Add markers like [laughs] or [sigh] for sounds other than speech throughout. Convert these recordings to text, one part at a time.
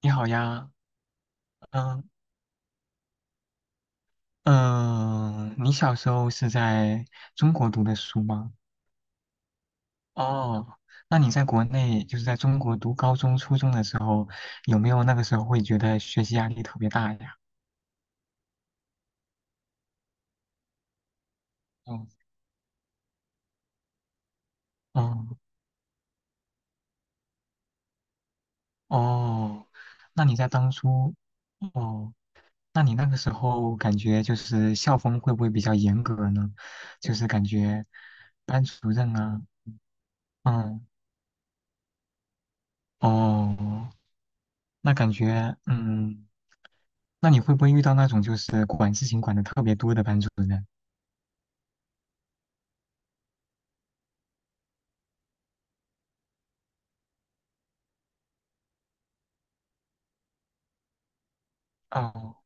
你好呀。嗯嗯，你小时候是在中国读的书吗？哦，那你在国内，就是在中国读高中、初中的时候，有没有那个时候会觉得学习压力特别大呀？哦哦哦，那你在当初，哦，那你那个时候感觉就是校风会不会比较严格呢？就是感觉班主任啊，嗯哦，那感觉嗯。那你会不会遇到那种就是管事情管的特别多的班主任？哦，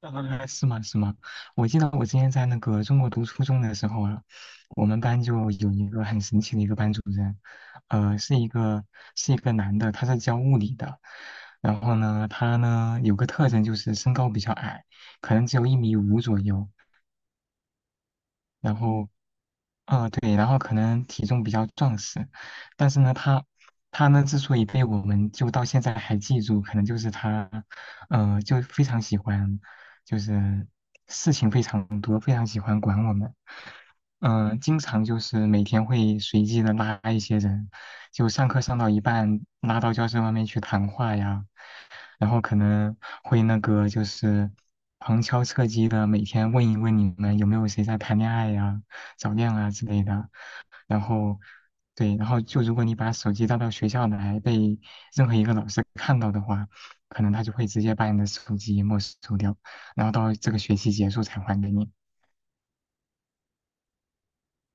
是吗？是吗？我记得我之前在那个中国读初中的时候啊，我们班就有一个很神奇的一个班主任，呃，是一个是一个男的，他是教物理的。然后呢，他呢有个特征就是身高比较矮，可能只有1.5米左右，然后对，然后可能体重比较壮实，但是呢，他呢之所以被我们就到现在还记住，可能就是他，就非常喜欢，就是事情非常多，非常喜欢管我们，经常就是每天会随机的拉一些人，就上课上到一半拉到教室外面去谈话呀，然后可能会那个就是旁敲侧击的每天问一问你们有没有谁在谈恋爱呀、早恋啊之类的。然后对，然后就如果你把手机带到学校来，被任何一个老师看到的话，可能他就会直接把你的手机没收掉，然后到这个学期结束才还给你。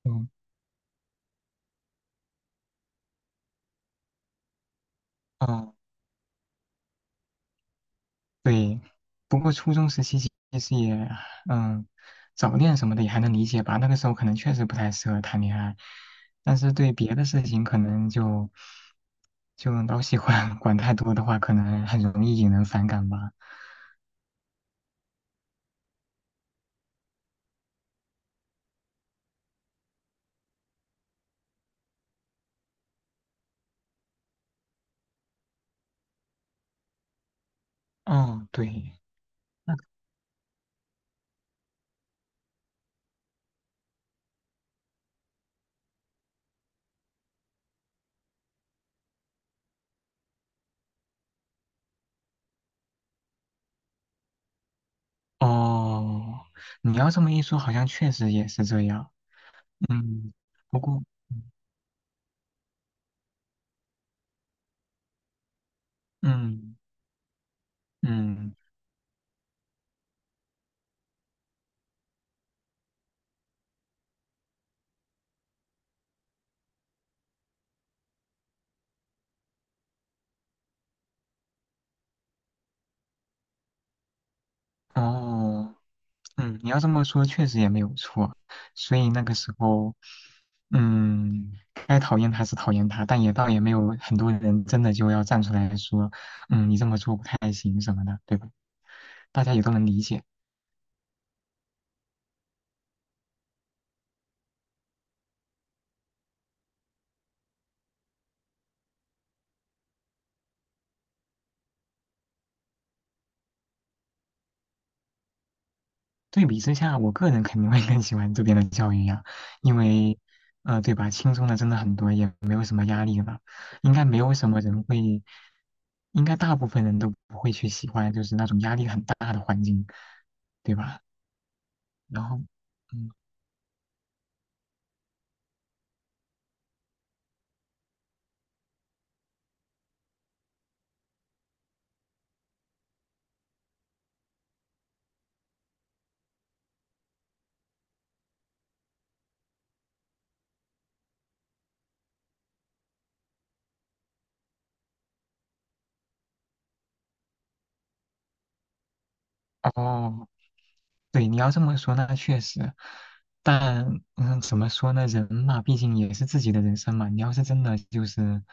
嗯，嗯，对，不过初中时期其实也，嗯，早恋什么的也还能理解吧。那个时候可能确实不太适合谈恋爱，但是对别的事情可能就老喜欢 [laughs] 管太多的话，可能很容易引人反感吧。嗯，对，那哦，你要这么一说，好像确实也是这样。嗯，不过，嗯嗯，嗯哦。嗯，你要这么说，确实也没有错。所以那个时候，嗯，该讨厌他是讨厌他，但也倒也没有很多人真的就要站出来说，你这么做不太行什么的，对吧？大家也都能理解。对比之下，我个人肯定会更喜欢这边的教育呀，因为，对吧，轻松的真的很多，也没有什么压力了，应该没有什么人会，应该大部分人都不会去喜欢就是那种压力很大的环境，对吧？然后。嗯。哦，对，你要这么说，那确实，但怎么说呢？人嘛，毕竟也是自己的人生嘛。你要是真的就是，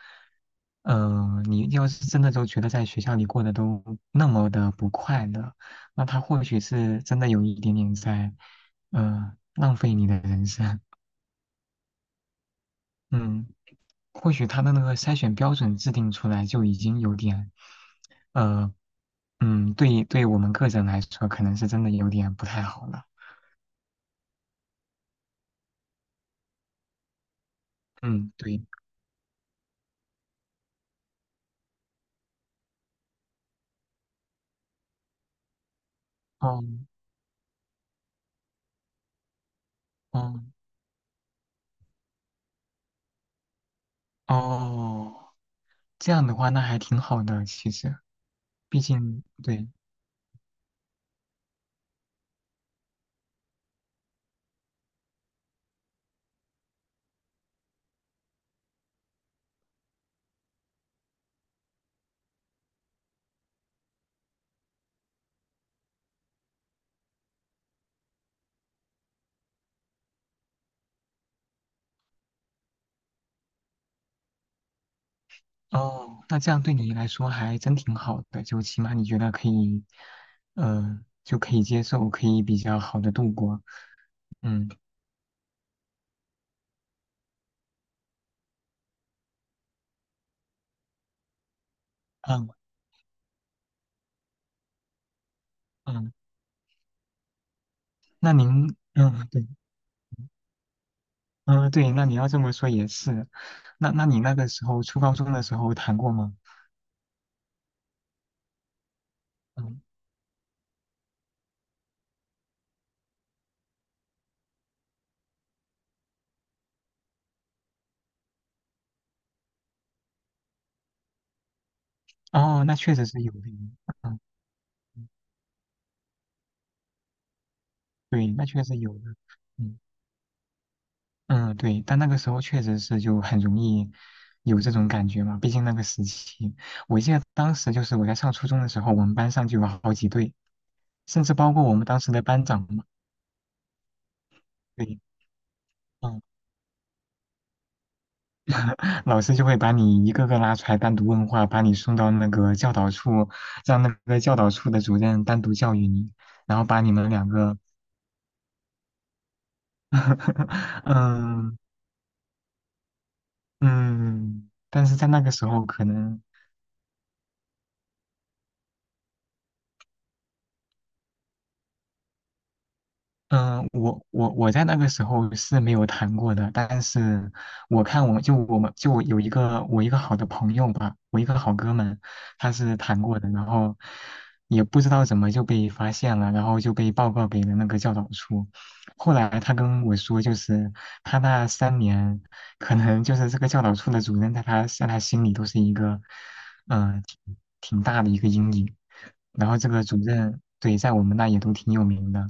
呃，你要是真的都觉得在学校里过得都那么的不快乐，那他或许是真的有一点点在，浪费你的人生。嗯，或许他的那个筛选标准制定出来就已经有点，呃，嗯，对，对我们个人来说，可能是真的有点不太好了。嗯，对。哦哦哦，这样的话那还挺好的，其实，毕竟对哦，那这样对你来说还真挺好的，就起码你觉得可以，嗯，就可以接受，可以比较好的度过。嗯嗯嗯，嗯对嗯对，那你要这么说也是，那你那个时候初高中的时候谈过吗？嗯哦，那确实是有的，嗯嗯对，那确实有的，嗯。嗯，对，但那个时候确实是就很容易有这种感觉嘛，毕竟那个时期，我记得当时就是我在上初中的时候，我们班上就有好几对，甚至包括我们当时的班长嘛，对，嗯，[laughs] 老师就会把你一个个拉出来单独问话，把你送到那个教导处，让那个教导处的主任单独教育你，然后把你们两个 [laughs] 嗯嗯，但是在那个时候可能。嗯，我在那个时候是没有谈过的，但是我看我就我们就我有一个好的朋友吧，我一个好哥们，他是谈过的，然后也不知道怎么就被发现了，然后就被报告给了那个教导处。后来他跟我说，就是他那3年，可能就是这个教导处的主任在他心里都是一个，挺大的一个阴影。然后这个主任对在我们那也都挺有名的。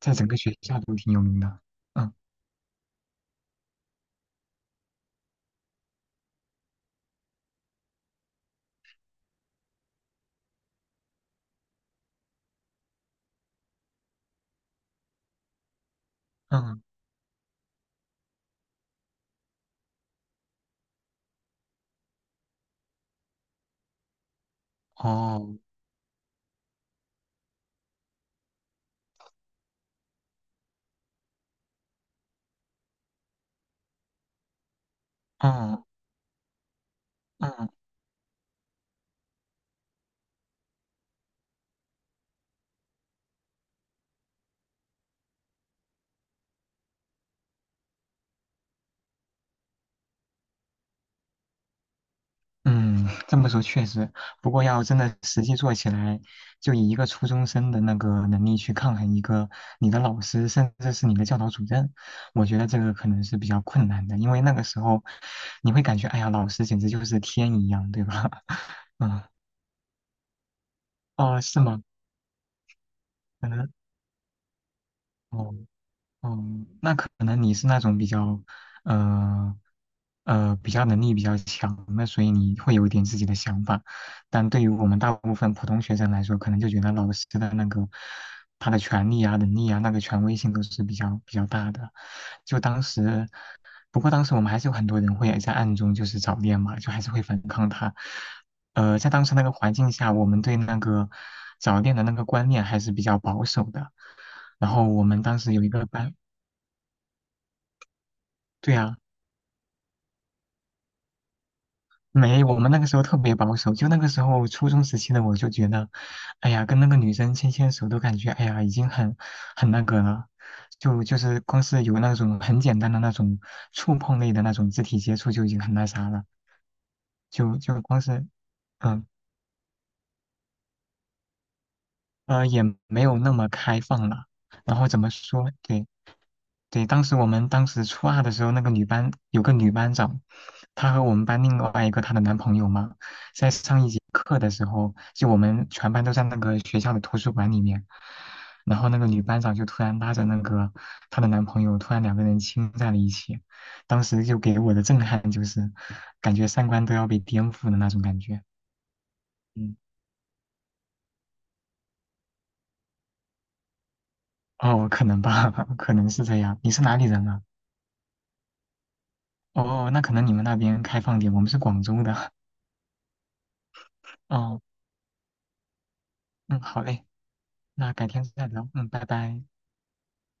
在整个学校都挺有名的。嗯嗯，哦，嗯嗯嗯，这么说确实，不过要真的实际做起来，就以一个初中生的那个能力去抗衡一个你的老师，甚至是你的教导主任，我觉得这个可能是比较困难的，因为那个时候你会感觉，哎呀，老师简直就是天一样，对吧？[laughs] 嗯，哦，是吗？可能，哦。嗯，那可能你是那种比较，呃，比较能力比较强的，所以你会有一点自己的想法。但对于我们大部分普通学生来说，可能就觉得老师的那个他的权利啊、能力啊、那个权威性都是比较大的。就当时，不过当时我们还是有很多人会在暗中就是早恋嘛，就还是会反抗他。在当时那个环境下，我们对那个早恋的那个观念还是比较保守的。然后我们当时有一个班，对呀，没，我们那个时候特别保守，就那个时候初中时期的我就觉得，哎呀，跟那个女生牵牵手都感觉，哎呀，已经很那个了，就是光是有那种很简单的那种触碰类的那种肢体接触就已经很那啥了，就光是，嗯。也没有那么开放了。然后怎么说？对，对，我们当时初二的时候，那个女班有个女班长，她和我们班另外一个她的男朋友嘛，在上一节课的时候，就我们全班都在那个学校的图书馆里面，然后那个女班长就突然拉着那个她的男朋友，突然两个人亲在了一起，当时就给我的震撼就是，感觉三观都要被颠覆的那种感觉。嗯，哦，可能吧，[laughs] 可能是这样。你是哪里人啊？哦，那可能你们那边开放点，我们是广州的。[laughs] 哦，嗯，好嘞，那改天再聊。嗯，拜拜。